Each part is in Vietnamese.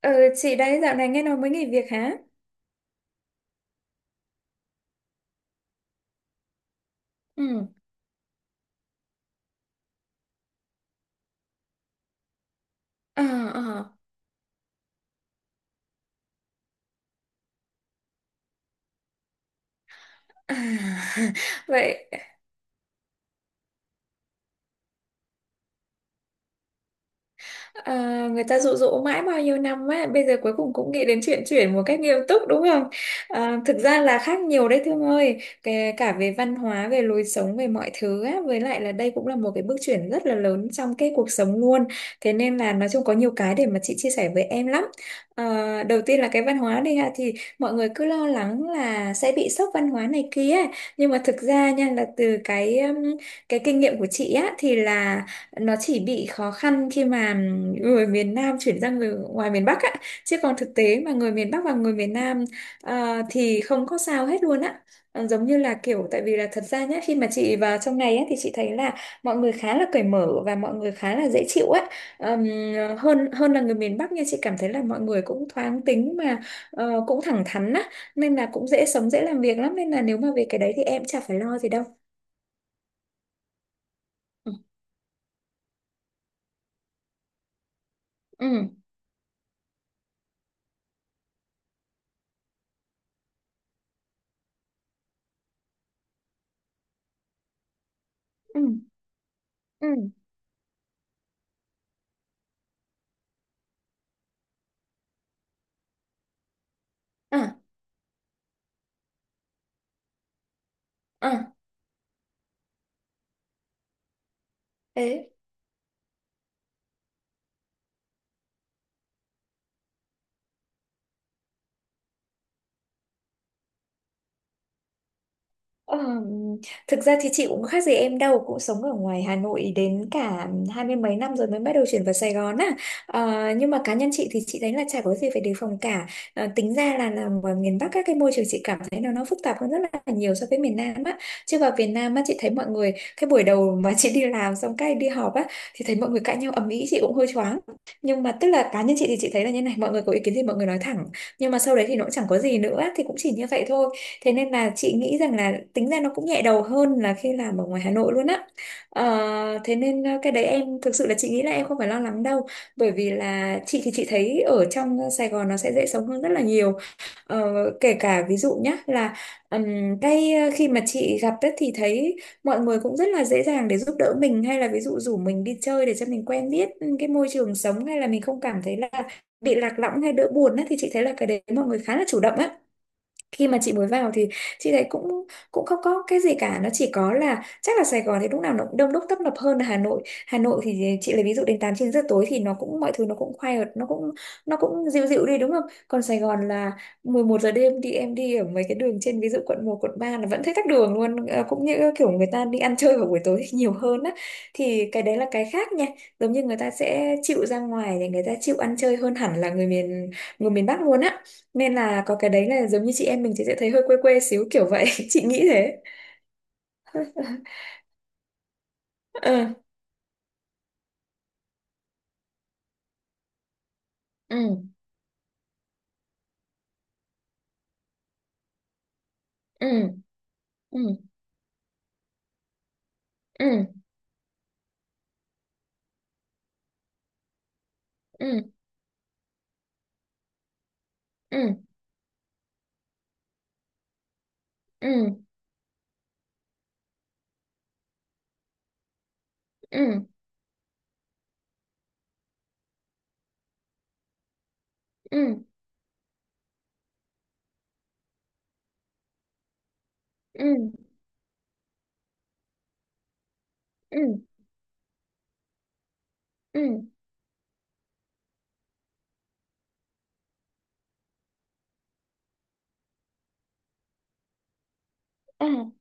Ừ, chị đấy dạo này nghe nói mới nghỉ việc hả? Ừ. Ờ, ờ. À, vậy. À, người ta dụ dỗ mãi bao nhiêu năm á, bây giờ cuối cùng cũng nghĩ đến chuyện chuyển một cách nghiêm túc đúng không? À, thực ra là khác nhiều đấy Thương ơi. Kể cả về văn hóa, về lối sống, về mọi thứ á, với lại là đây cũng là một cái bước chuyển rất là lớn trong cái cuộc sống luôn. Thế nên là nói chung có nhiều cái để mà chị chia sẻ với em lắm. À, đầu tiên là cái văn hóa đi ha, thì mọi người cứ lo lắng là sẽ bị sốc văn hóa này kia, nhưng mà thực ra nha là từ cái kinh nghiệm của chị á thì là nó chỉ bị khó khăn khi mà người miền Nam chuyển ra người ngoài miền Bắc á, chứ còn thực tế mà người miền Bắc và người miền Nam thì không có sao hết luôn á. Ờ, giống như là kiểu tại vì là thật ra nhá, khi mà chị vào trong này á thì chị thấy là mọi người khá là cởi mở và mọi người khá là dễ chịu á. Ờm, hơn hơn là người miền Bắc nha, chị cảm thấy là mọi người cũng thoáng tính mà cũng thẳng thắn á, nên là cũng dễ sống dễ làm việc lắm, nên là nếu mà về cái đấy thì em chả phải lo gì đâu. Ừ, ừ, ừ, ừ. À, à. Thế. Ờ, thực ra thì chị cũng khác gì em đâu, cũng sống ở ngoài Hà Nội đến cả hai mươi mấy năm rồi mới bắt đầu chuyển vào Sài Gòn á. Ờ, nhưng mà cá nhân chị thì chị thấy là chả có gì phải đề phòng cả. Ờ, tính ra là làm ở miền Bắc các cái môi trường chị cảm thấy nó phức tạp hơn rất là nhiều so với miền Nam á, chứ vào miền Nam á chị thấy mọi người cái buổi đầu mà chị đi làm xong cái đi họp á thì thấy mọi người cãi nhau ầm ĩ chị cũng hơi choáng, nhưng mà tức là cá nhân chị thì chị thấy là như này, mọi người có ý kiến thì mọi người nói thẳng, nhưng mà sau đấy thì nó cũng chẳng có gì nữa thì cũng chỉ như vậy thôi. Thế nên là chị nghĩ rằng là tính ra nó cũng nhẹ đầu hơn là khi làm ở ngoài Hà Nội luôn á. Ờ, thế nên cái đấy em thực sự là chị nghĩ là em không phải lo lắng đâu. Bởi vì là chị thì chị thấy ở trong Sài Gòn nó sẽ dễ sống hơn rất là nhiều. Ờ, kể cả ví dụ nhá là khi mà chị gặp ấy thì thấy mọi người cũng rất là dễ dàng để giúp đỡ mình, hay là ví dụ rủ mình đi chơi để cho mình quen biết cái môi trường sống, hay là mình không cảm thấy là bị lạc lõng hay đỡ buồn á, thì chị thấy là cái đấy mọi người khá là chủ động á. Khi mà chị mới vào thì chị thấy cũng cũng không có cái gì cả, nó chỉ có là chắc là Sài Gòn thì lúc nào nó cũng đông đúc tấp nập hơn là Hà Nội. Hà Nội thì chị lấy ví dụ đến 8 9 giờ tối thì nó cũng mọi thứ nó cũng quiet, nó cũng dịu dịu đi đúng không, còn Sài Gòn là 11 giờ đêm đi em đi ở mấy cái đường trên ví dụ quận 1 quận 3 là vẫn thấy tắc đường luôn. Ờ, cũng như kiểu người ta đi ăn chơi vào buổi tối nhiều hơn á, thì cái đấy là cái khác nha, giống như người ta sẽ chịu ra ngoài thì người ta chịu ăn chơi hơn hẳn là người miền Bắc luôn á, nên là có cái đấy là giống như chị em mình thì sẽ thấy hơi quê quê xíu kiểu vậy chị nghĩ thế. Ờ. ừ, ừ, ừ, ừ, ừ, ừ, ừ, ừ, ừ, ừ, ừ, ừ, ừ, ừ.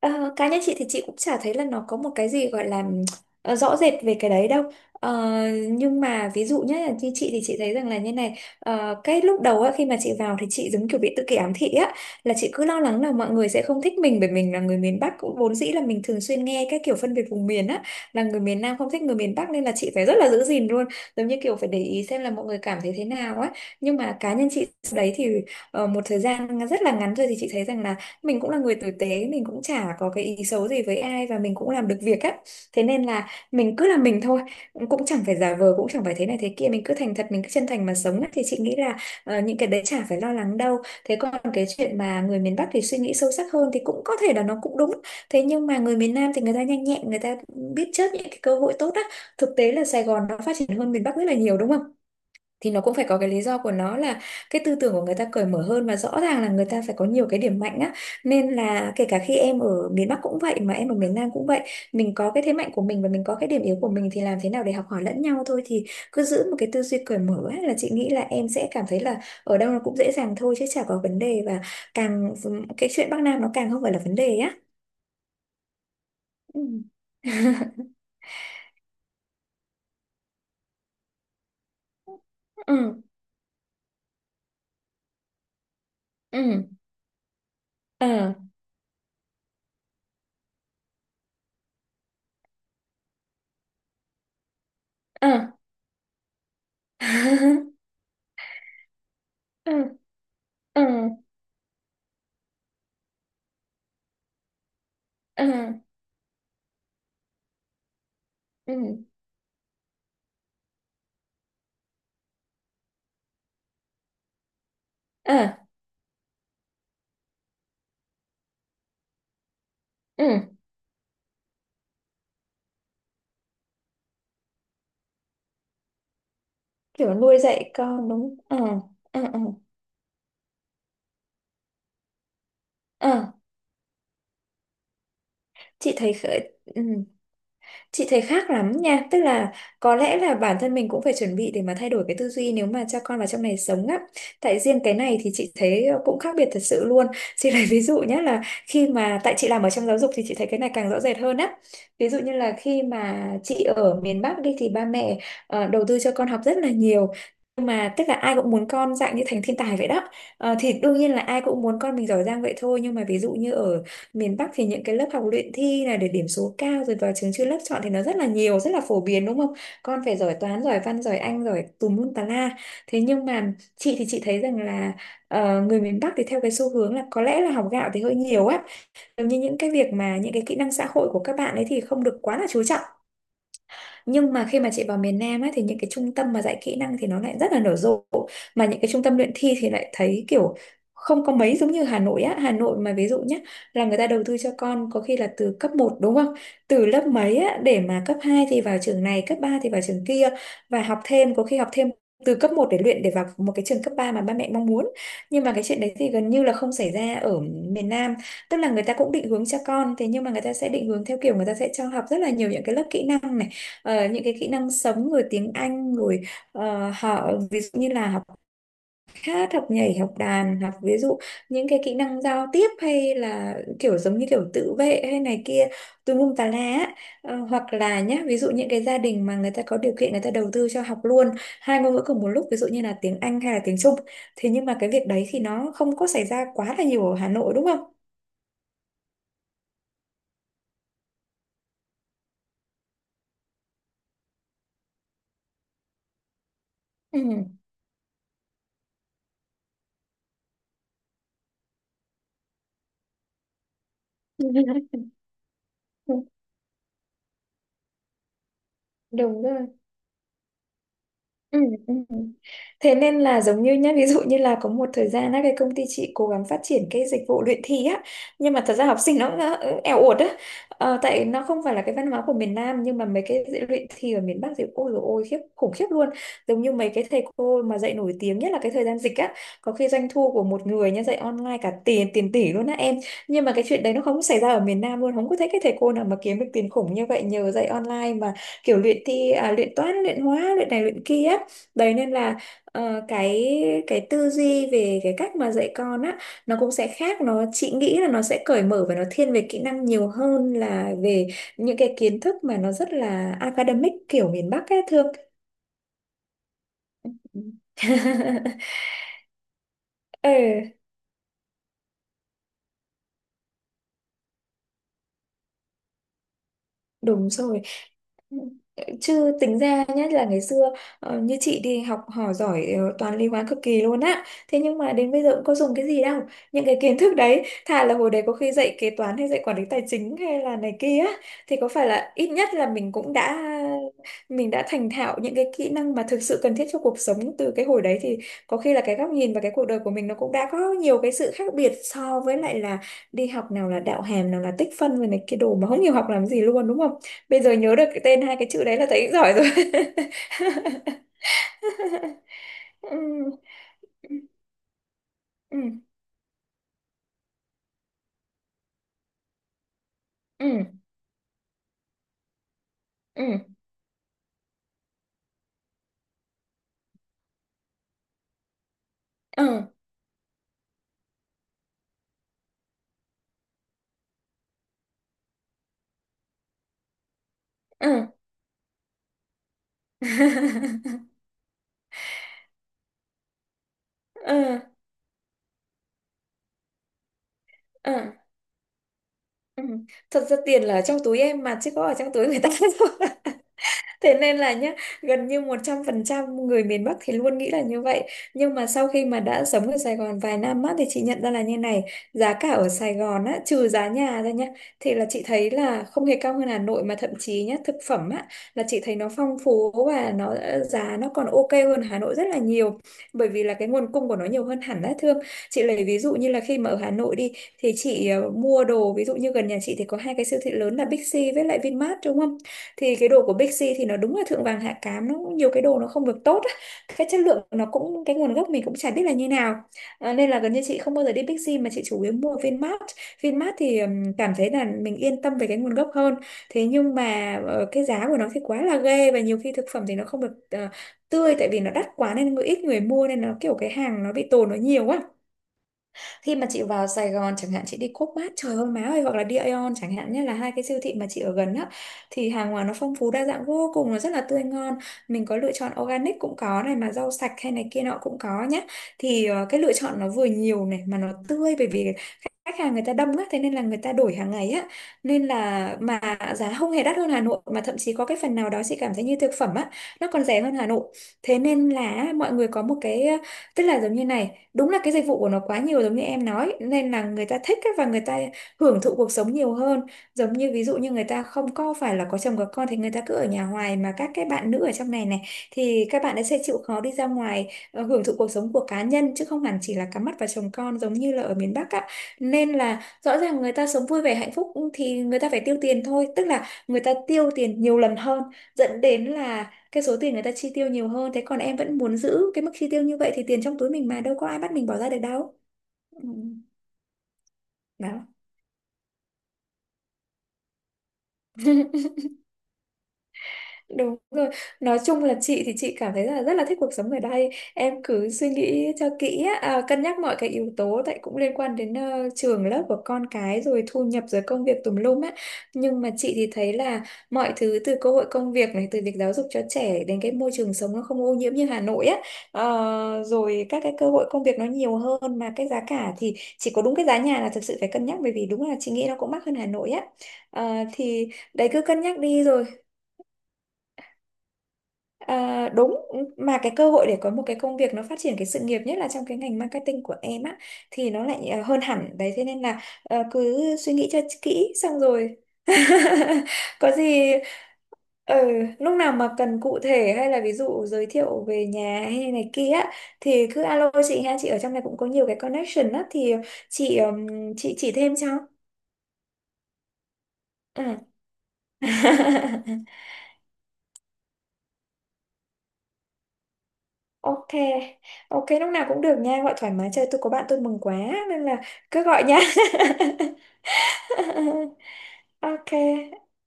Ờ, cá nhân chị thì chị cũng chả thấy là nó có một cái gì gọi là rõ rệt về cái đấy đâu. Ờ, nhưng mà ví dụ nhé như chị thì chị thấy rằng là như này, ờ, cái lúc đầu á khi mà chị vào thì chị giống kiểu bị tự kỷ ám thị á, là chị cứ lo lắng là mọi người sẽ không thích mình bởi mình là người miền Bắc, cũng vốn dĩ là mình thường xuyên nghe cái kiểu phân biệt vùng miền á, là người miền Nam không thích người miền Bắc nên là chị phải rất là giữ gìn luôn, giống như kiểu phải để ý xem là mọi người cảm thấy thế nào á. Nhưng mà cá nhân chị đấy thì ờ, một thời gian rất là ngắn rồi thì chị thấy rằng là mình cũng là người tử tế, mình cũng chả có cái ý xấu gì với ai và mình cũng làm được việc á, thế nên là mình cứ là mình thôi, cũng chẳng phải giả vờ cũng chẳng phải thế này thế kia, mình cứ thành thật mình cứ chân thành mà sống á thì chị nghĩ là ờ, những cái đấy chả phải lo lắng đâu. Thế còn cái chuyện mà người miền Bắc thì suy nghĩ sâu sắc hơn thì cũng có thể là nó cũng đúng, thế nhưng mà người miền Nam thì người ta nhanh nhẹn, người ta biết chớp những cái cơ hội tốt á. Thực tế là Sài Gòn nó phát triển hơn miền Bắc rất là nhiều đúng không, thì nó cũng phải có cái lý do của nó, là cái tư tưởng của người ta cởi mở hơn và rõ ràng là người ta phải có nhiều cái điểm mạnh á, nên là kể cả khi em ở miền Bắc cũng vậy mà em ở miền Nam cũng vậy, mình có cái thế mạnh của mình và mình có cái điểm yếu của mình thì làm thế nào để học hỏi lẫn nhau thôi. Thì cứ giữ một cái tư duy cởi mở ấy, là chị nghĩ là em sẽ cảm thấy là ở đâu nó cũng dễ dàng thôi chứ chả có vấn đề, và càng ừ, cái chuyện Bắc Nam nó càng không phải là vấn đề á. Ừ. Ừ, ừ. Ờ, ờ. Ừ, ừ, ừ, ừ, ừ, ừ. Kiểu nuôi dạy con đúng. Ờ, ờ, ờ, ờ. Chị thấy khởi ừ. Chị thấy khác lắm nha, tức là có lẽ là bản thân mình cũng phải chuẩn bị để mà thay đổi cái tư duy nếu mà cho con vào trong này sống á. Tại riêng cái này thì chị thấy cũng khác biệt thật sự luôn. Chị lấy ví dụ nhé là khi mà tại chị làm ở trong giáo dục thì chị thấy cái này càng rõ rệt hơn á. Ví dụ như là khi mà chị ở miền Bắc đi thì ba mẹ đầu tư cho con học rất là nhiều. Nhưng mà tức là ai cũng muốn con dạng như thành thiên tài vậy đó. Ờ, thì đương nhiên là ai cũng muốn con mình giỏi giang vậy thôi, nhưng mà ví dụ như ở miền Bắc thì những cái lớp học luyện thi này để điểm số cao rồi vào trường chuyên lớp chọn thì nó rất là nhiều rất là phổ biến đúng không, con phải giỏi toán giỏi văn giỏi anh giỏi tùm lum tà la. Thế nhưng mà chị thì chị thấy rằng là ờ, người miền Bắc thì theo cái xu hướng là có lẽ là học gạo thì hơi nhiều á, giống như những cái việc mà những cái kỹ năng xã hội của các bạn ấy thì không được quá là chú trọng. Nhưng mà khi mà chị vào miền Nam á, thì những cái trung tâm mà dạy kỹ năng thì nó lại rất là nở rộ, mà những cái trung tâm luyện thi thì lại thấy kiểu không có mấy giống như Hà Nội á. Hà Nội mà ví dụ nhé, là người ta đầu tư cho con có khi là từ cấp một đúng không, từ lớp mấy á, để mà cấp 2 thì vào trường này cấp 3 thì vào trường kia, và học thêm có khi học thêm từ cấp một để luyện để vào một cái trường cấp 3 mà ba mẹ mong muốn. Nhưng mà cái chuyện đấy thì gần như là không xảy ra ở miền Nam, tức là người ta cũng định hướng cho con thế Nhưng mà người ta sẽ định hướng theo kiểu người ta sẽ cho học rất là nhiều những cái lớp kỹ năng này. Những cái kỹ năng sống rồi tiếng Anh rồi, họ ví dụ như là học hát, học nhảy, học đàn, học ví dụ những cái kỹ năng giao tiếp hay là kiểu giống như kiểu tự vệ hay này kia tùm lum tà lá á. Hoặc là nhá, ví dụ những cái gia đình mà người ta có điều kiện người ta đầu tư cho học luôn hai ngôn ngữ cùng một lúc, ví dụ như là tiếng Anh hay là tiếng Trung. Thế nhưng mà cái việc đấy thì nó không có xảy ra quá là nhiều ở Hà Nội, đúng không? Ừ. Đúng rồi. Ừ, ừ. Thế nên là giống như nhá, ví dụ như là có một thời gian á, cái công ty chị cố gắng phát triển cái dịch vụ luyện thi á, nhưng mà thật ra học sinh nó cũng eo uột á, tại nó không phải là cái văn hóa của miền Nam. Nhưng mà mấy cái dạy luyện thi ở miền Bắc thì ôi dồi ôi, khiếp, khủng khiếp luôn, giống như mấy cái thầy cô mà dạy nổi tiếng nhất là cái thời gian dịch á, có khi doanh thu của một người nhá dạy online cả tiền tiền tỷ luôn á em. Nhưng mà cái chuyện đấy nó không xảy ra ở miền Nam luôn, không có thấy cái thầy cô nào mà kiếm được tiền khủng như vậy nhờ dạy online mà kiểu luyện thi, à, luyện toán, luyện hóa, luyện này luyện kia. Đấy nên là ờ, cái cái tư duy về cái cách mà dạy con á, nó cũng sẽ khác. Nó chị nghĩ là nó sẽ cởi mở và nó thiên về kỹ năng nhiều hơn là về những cái kiến thức mà nó rất là academic kiểu miền Bắc ấy, Thương. Ừ. Đúng rồi. Chứ tính ra, nhất là ngày xưa, như chị đi học hỏi giỏi, toán lý hóa cực kỳ luôn á. Thế nhưng mà đến bây giờ cũng có dùng cái gì đâu. Những cái kiến thức đấy, thà là hồi đấy có khi dạy kế toán hay dạy quản lý tài chính hay là này kia á, thì có phải là ít nhất là mình đã thành thạo những cái kỹ năng mà thực sự cần thiết cho cuộc sống từ cái hồi đấy thì có khi là cái góc nhìn và cái cuộc đời của mình nó cũng đã có nhiều cái sự khác biệt so với lại là đi học nào là đạo hàm, nào là tích phân rồi này cái đồ mà không hiểu học làm gì luôn, đúng không? Bây giờ nhớ được cái tên hai cái chữ đấy là thấy giỏi rồi. ừ, ừ, ừ, ừ, ừ, ừ. Ờ, ờ, ừ. Thật ra tiền là ở trong túi em mà chứ có ở trong túi người ta đâu. Thế nên là nhá, gần như 100% người miền Bắc thì luôn nghĩ là như vậy. Nhưng mà sau khi mà đã sống ở Sài Gòn vài năm á, thì chị nhận ra là như này, giá cả ở Sài Gòn á, trừ giá nhà ra nhá, thì là chị thấy là không hề cao hơn Hà Nội, mà thậm chí nhá, thực phẩm á, là chị thấy nó phong phú và nó, giá nó còn ok hơn Hà Nội rất là nhiều. Bởi vì là cái nguồn cung của nó nhiều hơn hẳn á, Thương. Chị lấy ví dụ như là khi mà ở Hà Nội đi, thì chị, mua đồ, ví dụ như gần nhà chị thì có hai cái siêu thị lớn là Big C với lại Vinmart, đúng không? Thì cái đồ của Bixi thì nó đúng là thượng vàng hạ cám, nó cũng nhiều cái đồ nó không được tốt á. Cái chất lượng nó cũng, cái nguồn gốc mình cũng chả biết là như nào, nên là gần như chị không bao giờ đi Bixi mà chị chủ yếu mua Vinmart. Vinmart thì cảm thấy là mình yên tâm về cái nguồn gốc hơn. Thế nhưng mà cái giá của nó thì quá là ghê, và nhiều khi thực phẩm thì nó không được tươi, tại vì nó đắt quá nên ít người mua nên nó kiểu cái hàng nó bị tồn nó nhiều quá. Khi mà chị vào Sài Gòn chẳng hạn, chị đi Co.opmart, trời ơi má ơi, hoặc là đi Aeon chẳng hạn nhé, là hai cái siêu thị mà chị ở gần á, thì hàng hóa nó phong phú đa dạng vô cùng, nó rất là tươi ngon, mình có lựa chọn organic cũng có này, mà rau sạch hay này kia nọ cũng có nhé. Thì cái lựa chọn nó vừa nhiều này mà nó tươi, bởi vì khách hàng người ta đông á, thế nên là người ta đổi hàng ngày á, nên là mà giá không hề đắt hơn Hà Nội, mà thậm chí có cái phần nào đó chị cảm thấy như thực phẩm á nó còn rẻ hơn Hà Nội. Thế nên là mọi người có một cái, tức là giống như này, đúng là cái dịch vụ của nó quá nhiều giống như em nói, nên là người ta thích ấy, và người ta hưởng thụ cuộc sống nhiều hơn. Giống như ví dụ như người ta không có phải là có chồng có con thì người ta cứ ở nhà hoài, mà các cái bạn nữ ở trong này này thì các bạn ấy sẽ chịu khó đi ra ngoài, hưởng thụ cuộc sống của cá nhân chứ không hẳn chỉ là cắm mắt vào chồng con giống như là ở miền Bắc ạ. Nên là rõ ràng người ta sống vui vẻ hạnh phúc thì người ta phải tiêu tiền thôi, tức là người ta tiêu tiền nhiều lần hơn, dẫn đến là cái số tiền người ta chi tiêu nhiều hơn. Thế còn em vẫn muốn giữ cái mức chi tiêu như vậy thì tiền trong túi mình mà đâu có ai bắt mình bỏ ra được đâu. Ừ. Đó. Đúng rồi, nói chung là chị thì chị cảm thấy là rất là thích cuộc sống ở đây. Em cứ suy nghĩ cho kỹ á, à, cân nhắc mọi cái yếu tố, tại cũng liên quan đến trường lớp của con cái rồi thu nhập rồi công việc tùm lum á. Nhưng mà chị thì thấy là mọi thứ, từ cơ hội công việc này, từ việc giáo dục cho trẻ đến cái môi trường sống nó không ô nhiễm như Hà Nội á. Rồi các cái cơ hội công việc nó nhiều hơn, mà cái giá cả thì chỉ có đúng cái giá nhà là thực sự phải cân nhắc, bởi vì đúng là chị nghĩ nó cũng mắc hơn Hà Nội á. Thì đấy, cứ cân nhắc đi rồi. À, đúng, mà cái cơ hội để có một cái công việc nó phát triển cái sự nghiệp, nhất là trong cái ngành marketing của em á, thì nó lại, à, hơn hẳn đấy. Thế nên là cứ suy nghĩ cho kỹ xong rồi có gì ừ, lúc nào mà cần cụ thể hay là ví dụ giới thiệu về nhà hay này kia á, thì cứ alo chị ha, chị ở trong này cũng có nhiều cái connection á, thì chị ừm, chị chỉ thêm cho. Ừ. Ok, ok, lúc nào cũng được nha, gọi thoải mái, chơi tôi có bạn tôi mừng quá, nên là cứ gọi nha. Ok,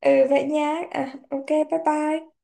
ừ vậy nha, à, ok, bye bye.